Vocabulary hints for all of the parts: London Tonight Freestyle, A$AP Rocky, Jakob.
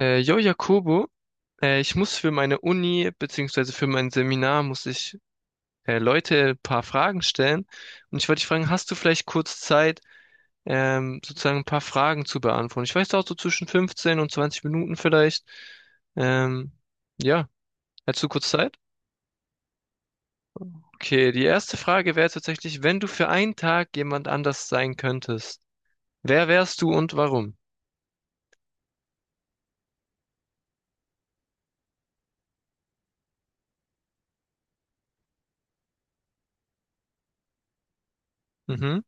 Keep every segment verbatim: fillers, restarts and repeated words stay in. Äh, yo, Jakobo, äh, ich muss für meine Uni beziehungsweise für mein Seminar muss ich äh, Leute ein paar Fragen stellen. Und ich wollte dich fragen, hast du vielleicht kurz Zeit, ähm, sozusagen ein paar Fragen zu beantworten? Ich weiß da auch so zwischen fünfzehn und zwanzig Minuten vielleicht. Ähm, ja, hättest du kurz Zeit? Okay, die erste Frage wäre tatsächlich, wenn du für einen Tag jemand anders sein könntest, wer wärst du und warum? Mhm.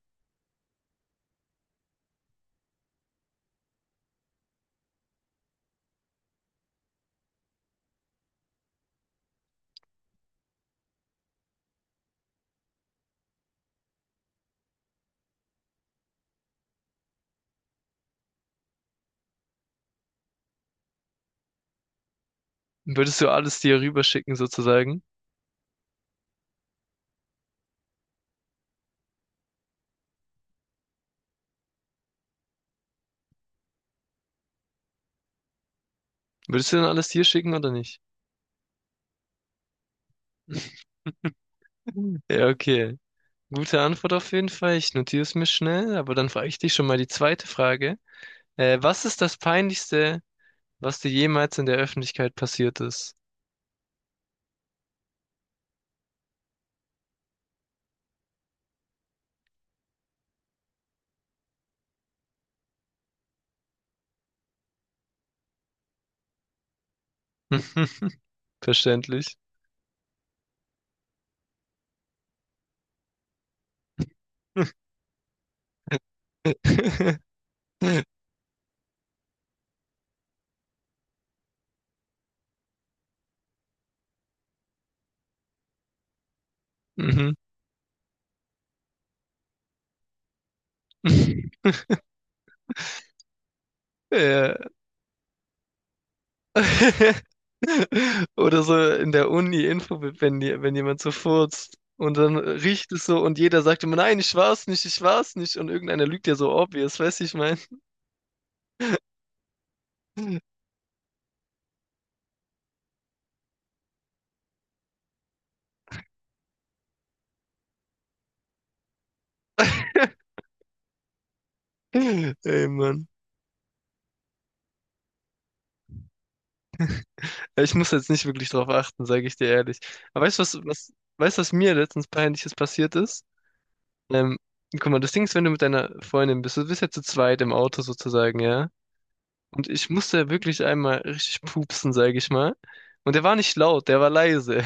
Würdest du alles dir rüberschicken sozusagen? Würdest du dann alles dir schicken oder nicht? Ja, okay. Gute Antwort auf jeden Fall. Ich notiere es mir schnell, aber dann frage ich dich schon mal die zweite Frage. Äh, was ist das Peinlichste, was dir jemals in der Öffentlichkeit passiert ist? Verständlich. Mhm. Ja. Oder so in der Uni-Info, wenn, die- wenn jemand so furzt und dann riecht es so und jeder sagt immer, nein, ich war's nicht, ich war's nicht und irgendeiner lügt ja so obvious, weißt du, ich mein. Ey, Mann. Ja, ich muss jetzt nicht wirklich drauf achten, sage ich dir ehrlich. Aber weißt du, was, was, weißt du, was mir letztens Peinliches passiert ist? Ähm, guck mal, das Ding ist, wenn du mit deiner Freundin bist, du bist ja zu zweit im Auto sozusagen, ja? Und ich musste wirklich einmal richtig pupsen, sage ich mal. Und der war nicht laut, der war leise.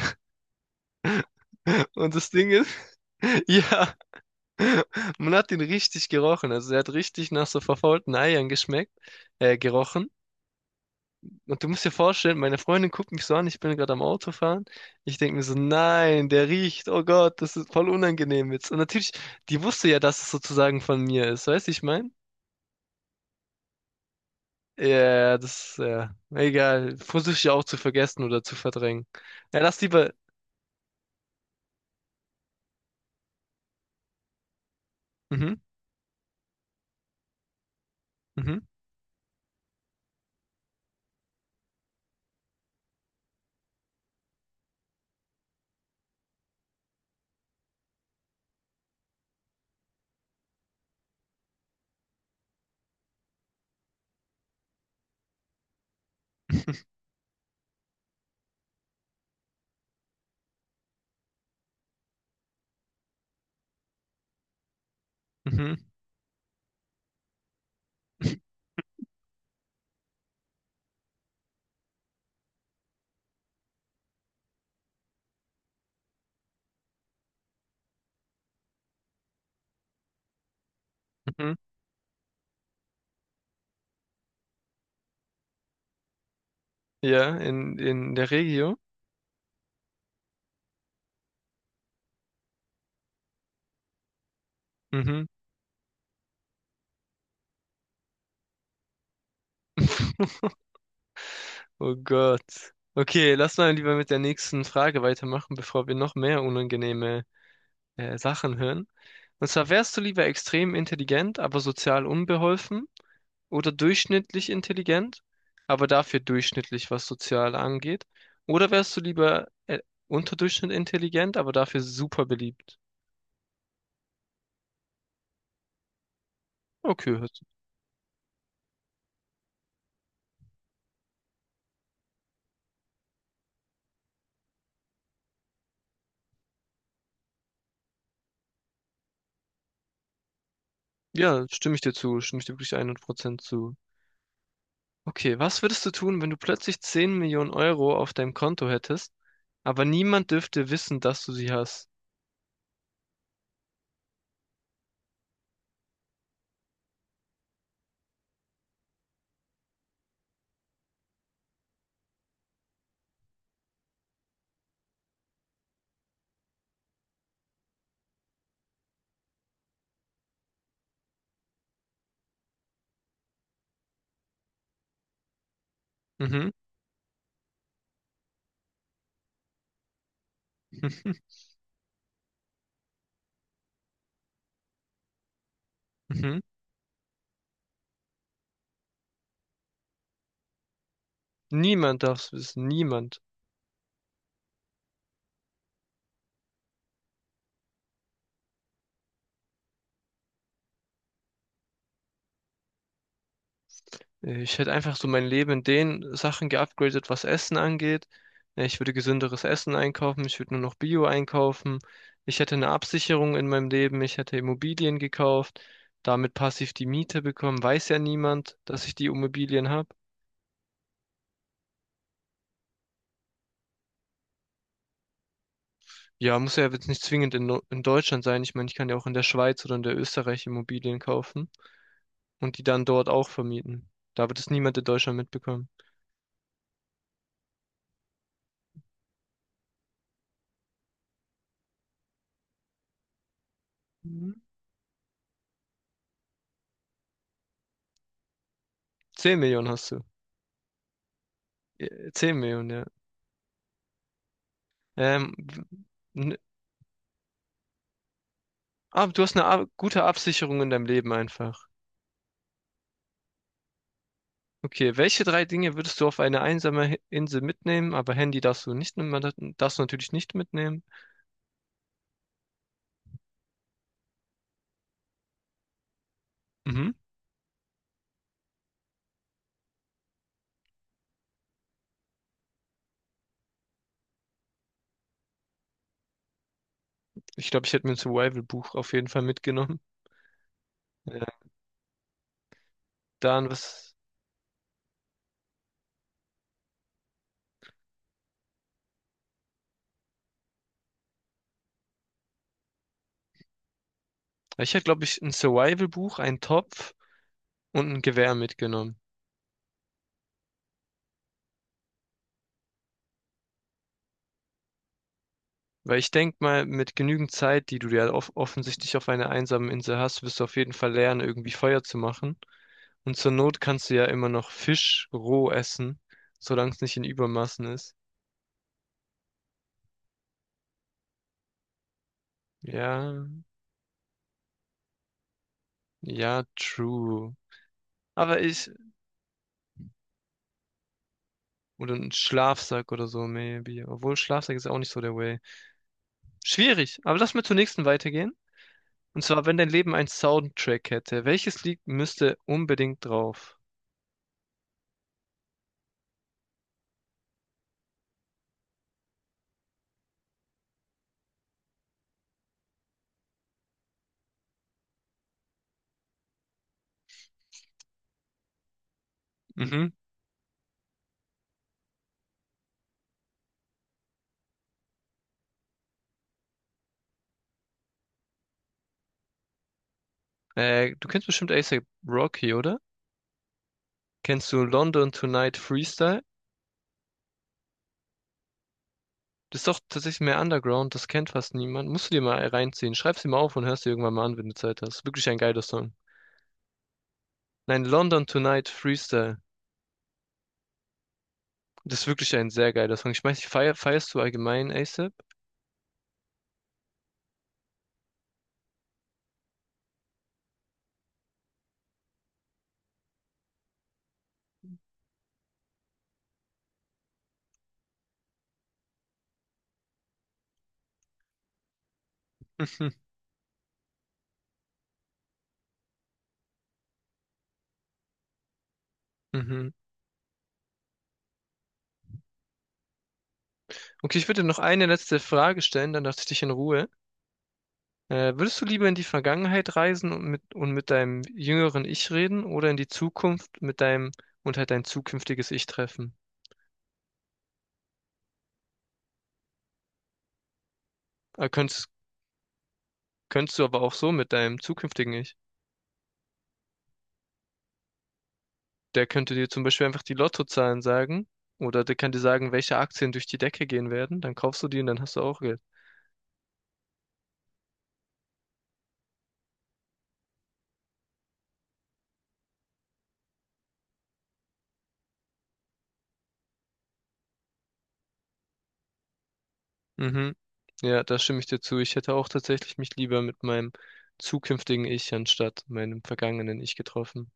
Und das Ding ist, ja, man hat ihn richtig gerochen. Also er hat richtig nach so verfaulten Eiern geschmeckt, äh, gerochen. Und du musst dir vorstellen, meine Freundin guckt mich so an, ich bin gerade am Autofahren. Ich denke mir so, nein, der riecht, oh Gott, das ist voll unangenehm jetzt. Und natürlich, die wusste ja, dass es sozusagen von mir ist, weißt du, ich meine? Ja, ja, das, ja, egal, versuche ich auch zu vergessen oder zu verdrängen. Ja, lass lieber, mhm, mhm, mhm, mhm, ja, in, in der Regio, mhm, oh Gott. Okay, lass mal lieber mit der nächsten Frage weitermachen, bevor wir noch mehr unangenehme äh, Sachen hören. Und zwar wärst du lieber extrem intelligent, aber sozial unbeholfen oder durchschnittlich intelligent, aber dafür durchschnittlich, was sozial angeht. Oder wärst du lieber äh, unterdurchschnittlich intelligent, aber dafür super beliebt. Okay, hört- sich- ja, stimme ich dir zu, stimme ich dir wirklich hundert Prozent zu. Okay, was würdest du tun, wenn du plötzlich zehn Millionen Euro auf deinem Konto hättest, aber niemand dürfte wissen, dass du sie hast? Mhm. Mhm. Niemand darf es wissen, niemand. Ich hätte einfach so mein Leben in den Sachen geupgradet, was Essen angeht. Äh, Ich würde gesünderes Essen einkaufen, ich würde nur noch Bio einkaufen. Ich hätte eine Absicherung in meinem Leben, ich hätte Immobilien gekauft, damit passiv die Miete bekommen. Weiß ja niemand, dass ich die Immobilien habe. Ja, muss ja jetzt nicht zwingend in, No- in Deutschland sein. Ich meine, ich kann ja auch in der Schweiz oder in der Österreich Immobilien kaufen und die dann dort auch vermieten. Da wird es niemand in Deutschland mitbekommen. Mhm. zehn Millionen hast du. Äh, zehn Millionen, ja. Ähm, aber du hast eine ab- gute Absicherung in deinem Leben einfach. Okay, welche drei Dinge würdest du auf eine einsame Hi- Insel mitnehmen? Aber Handy darfst du nicht, man darf- darfst du natürlich nicht mitnehmen. Mhm. Ich glaube, ich hätte mir ein Survival-Buch auf jeden Fall mitgenommen. Ja. Dann was? Ich hätte, glaube ich, ein Survival-Buch, einen Topf und ein Gewehr mitgenommen. Weil ich denke mal, mit genügend Zeit, die du ja off offensichtlich auf einer einsamen Insel hast, wirst du auf jeden Fall lernen, irgendwie Feuer zu machen. Und zur Not kannst du ja immer noch Fisch roh essen, solange es nicht in Übermaßen ist. Ja, ja, true. Aber ich, oder ein Schlafsack oder so, maybe. Obwohl Schlafsack ist ja auch nicht so der Way. Schwierig, aber lass mal zur nächsten weitergehen. Und zwar, wenn dein Leben einen Soundtrack hätte, welches Lied müsste unbedingt drauf? Mhm. Äh, du kennst bestimmt A$AP Rocky, oder? Kennst du London Tonight Freestyle? Das ist doch tatsächlich mehr Underground, das kennt fast niemand. Musst du dir mal reinziehen. Schreib's dir mal auf und hörst dir irgendwann mal an, wenn du Zeit hast. Wirklich ein geiler Song. Nein, London Tonight Freestyle. Das ist wirklich ein sehr geiler Song. Ich weiß nicht, feier, feierst du allgemein ASAP? Mhm. Mhm. Okay, ich würde noch eine letzte Frage stellen, dann lasse ich dich in Ruhe. Äh, würdest du lieber in die Vergangenheit reisen und mit, und mit deinem jüngeren Ich reden oder in die Zukunft mit deinem und halt dein zukünftiges Ich treffen? Äh, könntest, könntest du aber auch so mit deinem zukünftigen Ich. Der könnte dir zum Beispiel einfach die Lottozahlen sagen oder der kann dir sagen, welche Aktien durch die Decke gehen werden. Dann kaufst du die und dann hast du auch Geld. Mhm. Ja, da stimme ich dir zu. Ich hätte auch tatsächlich mich lieber mit meinem zukünftigen Ich anstatt meinem vergangenen Ich getroffen.